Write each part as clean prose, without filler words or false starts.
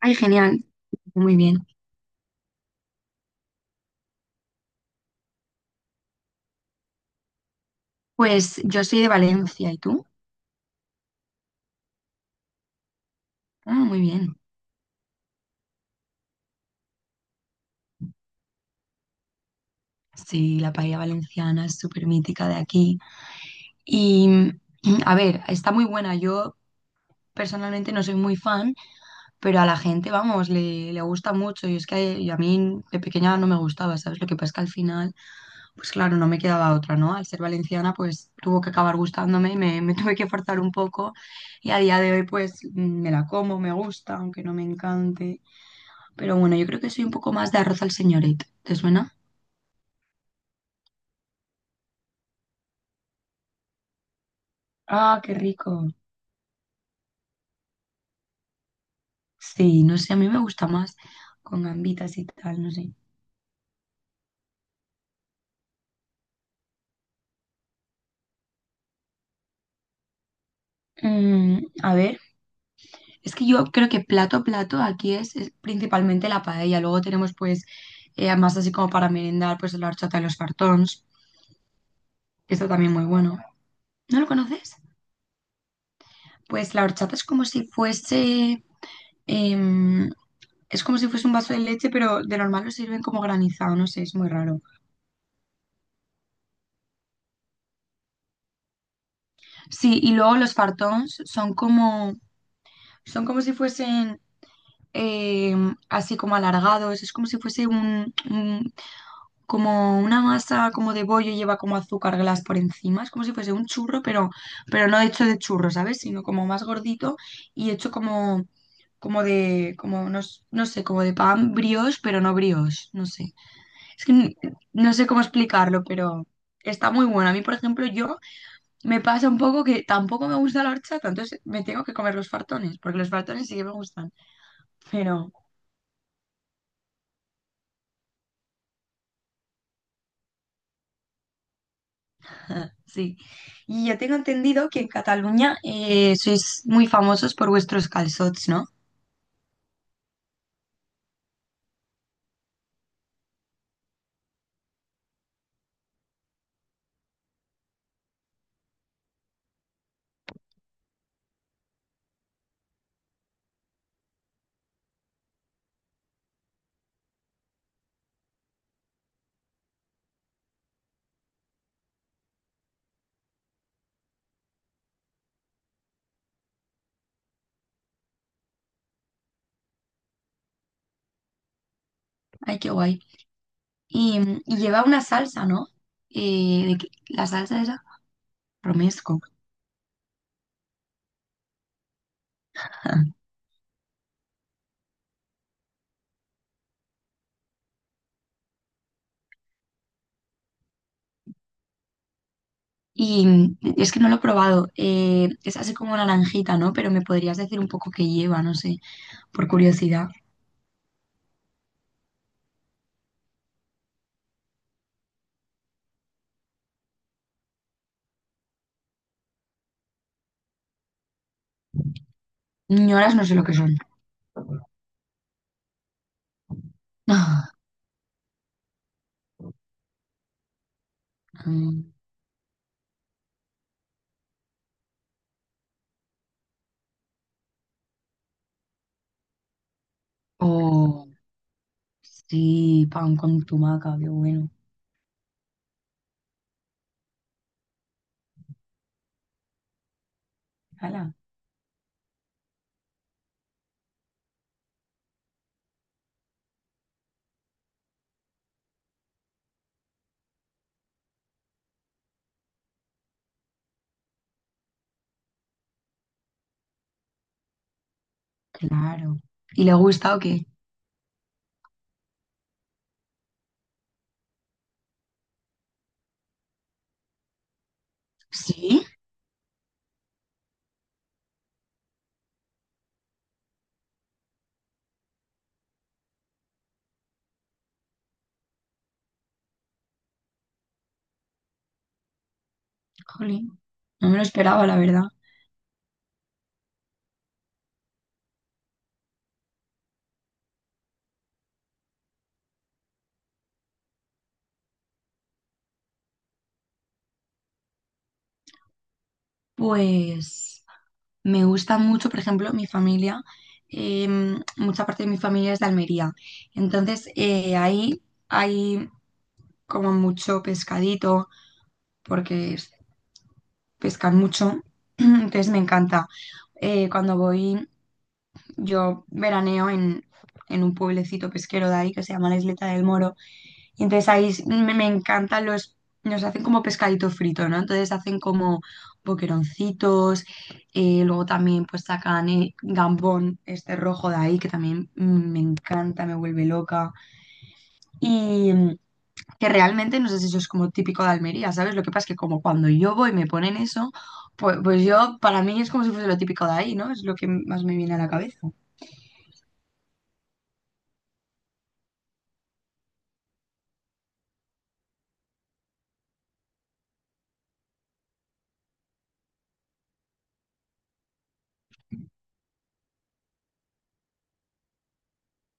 Ay, genial, muy bien. Pues yo soy de Valencia, ¿y tú? Ah, muy bien. Sí, la paella valenciana es súper mítica de aquí. Y a ver, está muy buena. Yo personalmente no soy muy fan, pero a la gente, vamos, le gusta mucho. Y es que y a mí de pequeña no me gustaba, ¿sabes? Lo que pasa es que al final, pues claro, no me quedaba otra, ¿no? Al ser valenciana, pues tuvo que acabar gustándome y me tuve que forzar un poco. Y a día de hoy, pues me la como, me gusta, aunque no me encante. Pero bueno, yo creo que soy un poco más de arroz al señorito. ¿Te suena? Ah, qué rico. Sí, no sé, a mí me gusta más con gambitas y tal, no sé. A ver, es que yo creo que plato aquí es principalmente la paella. Luego tenemos pues más así como para merendar, pues la horchata y los fartons. Esto también muy bueno. ¿No lo conoces? Pues la horchata es como si fuese em, es como si fuese un vaso de leche, pero de normal lo sirven como granizado, no sé, es muy raro. Sí, y luego los fartons son como si fuesen eh, así como alargados, es como si fuese un, como una masa como de bollo y lleva como azúcar glas por encima, es como si fuese un churro, pero no hecho de churro, ¿sabes? Sino como más gordito y hecho como, como de, como no, no sé, como de pan brioche, pero no brioche, no sé. Es que no sé cómo explicarlo, pero está muy bueno. A mí, por ejemplo, yo me pasa un poco que tampoco me gusta la horchata, entonces me tengo que comer los fartones, porque los fartones sí que me gustan, pero sí. Y yo tengo entendido que en Cataluña sois muy famosos por vuestros calçots, ¿no? Ay, qué guay. Y, y lleva una salsa, ¿no? ¿De qué? La salsa era romesco. Y es que no lo he probado. Es así como naranjita, ¿no? Pero me podrías decir un poco qué lleva, no sé, por curiosidad. Ñoras no sé lo que son. Mm, O... Sí, pan con tumaca, qué bueno. Hala, claro. ¿Y le ha gustado qué? Sí, jolín. No me lo esperaba, la verdad. Pues me gusta mucho, por ejemplo, mi familia. Mucha parte de mi familia es de Almería. Entonces, ahí hay como mucho pescadito, porque pescan mucho. Entonces, me encanta. Cuando voy, yo veraneo en un pueblecito pesquero de ahí que se llama la Isleta del Moro. Y entonces ahí me encantan los, nos hacen como pescadito frito, ¿no? Entonces hacen como boqueroncitos, luego también pues sacan gambón este rojo de ahí, que también me encanta, me vuelve loca. Y que realmente, no sé si eso es como típico de Almería, ¿sabes? Lo que pasa es que como cuando yo voy me ponen eso, pues yo, para mí es como si fuese lo típico de ahí, ¿no? Es lo que más me viene a la cabeza.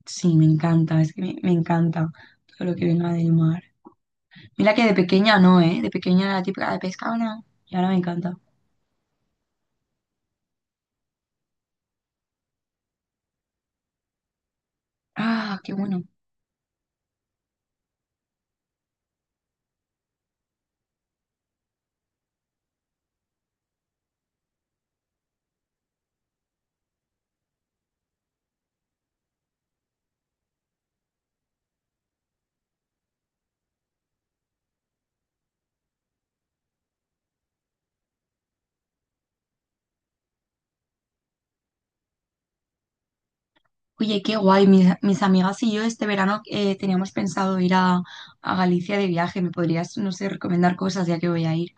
Sí, me encanta, es que me encanta todo lo que venga del mar. Mira que de pequeña no, ¿eh? De pequeña era la típica de pescado, no. Y ahora me encanta. Ah, qué bueno. Oye, qué guay. Mis amigas y yo este verano teníamos pensado ir a Galicia de viaje. ¿Me podrías, no sé, recomendar cosas ya que voy a ir?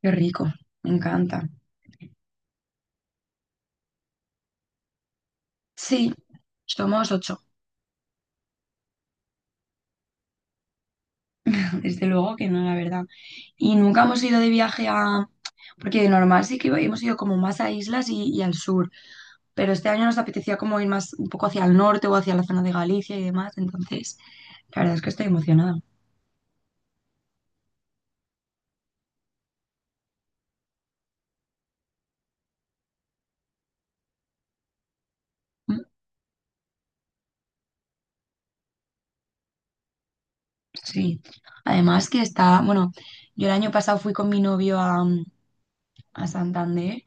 Qué rico. Me encanta. Sí, somos ocho. Desde luego que no, la verdad. Y nunca hemos ido de viaje a... Porque de normal sí que hemos ido como más a islas y al sur, pero este año nos apetecía como ir más un poco hacia el norte o hacia la zona de Galicia y demás, entonces la verdad es que estoy emocionada. Mm, Sí, además que está, bueno, yo el año pasado fui con mi novio a, a Santander.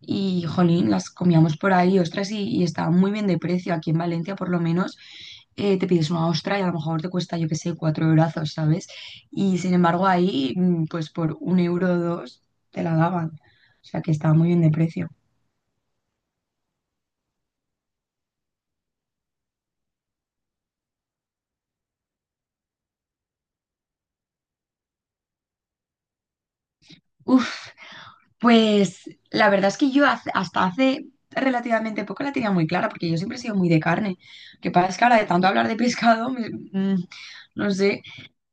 Y jolín, las comíamos por ahí, ostras, y estaban muy bien de precio. Aquí en Valencia, por lo menos, te pides una ostra y a lo mejor te cuesta, yo qué sé, cuatro eurazos, ¿sabes? Y sin embargo, ahí, pues por un euro o dos, te la daban. O sea, que estaba muy bien de precio. Uf, pues la verdad es que yo hasta hace relativamente poco la tenía muy clara, porque yo siempre he sido muy de carne. Lo que pasa es que ahora de tanto hablar de pescado, no sé.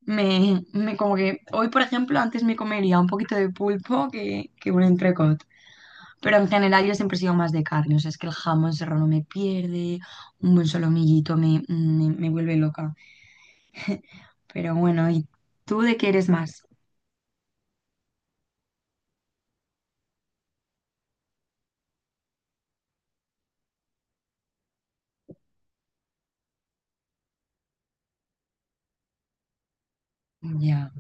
Me como que hoy, por ejemplo, antes me comería un poquito de pulpo que un entrecot. Pero en general yo siempre he sido más de carne. O sea, es que el jamón serrano no me pierde, un buen solomillito me vuelve loca. Pero bueno, ¿y tú de qué eres más? Ya,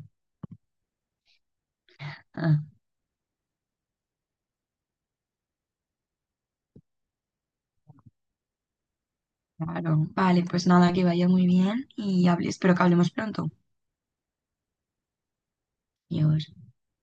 ah, claro. Vale, pues nada, que vaya muy bien y hable, espero que hablemos pronto. Adiós.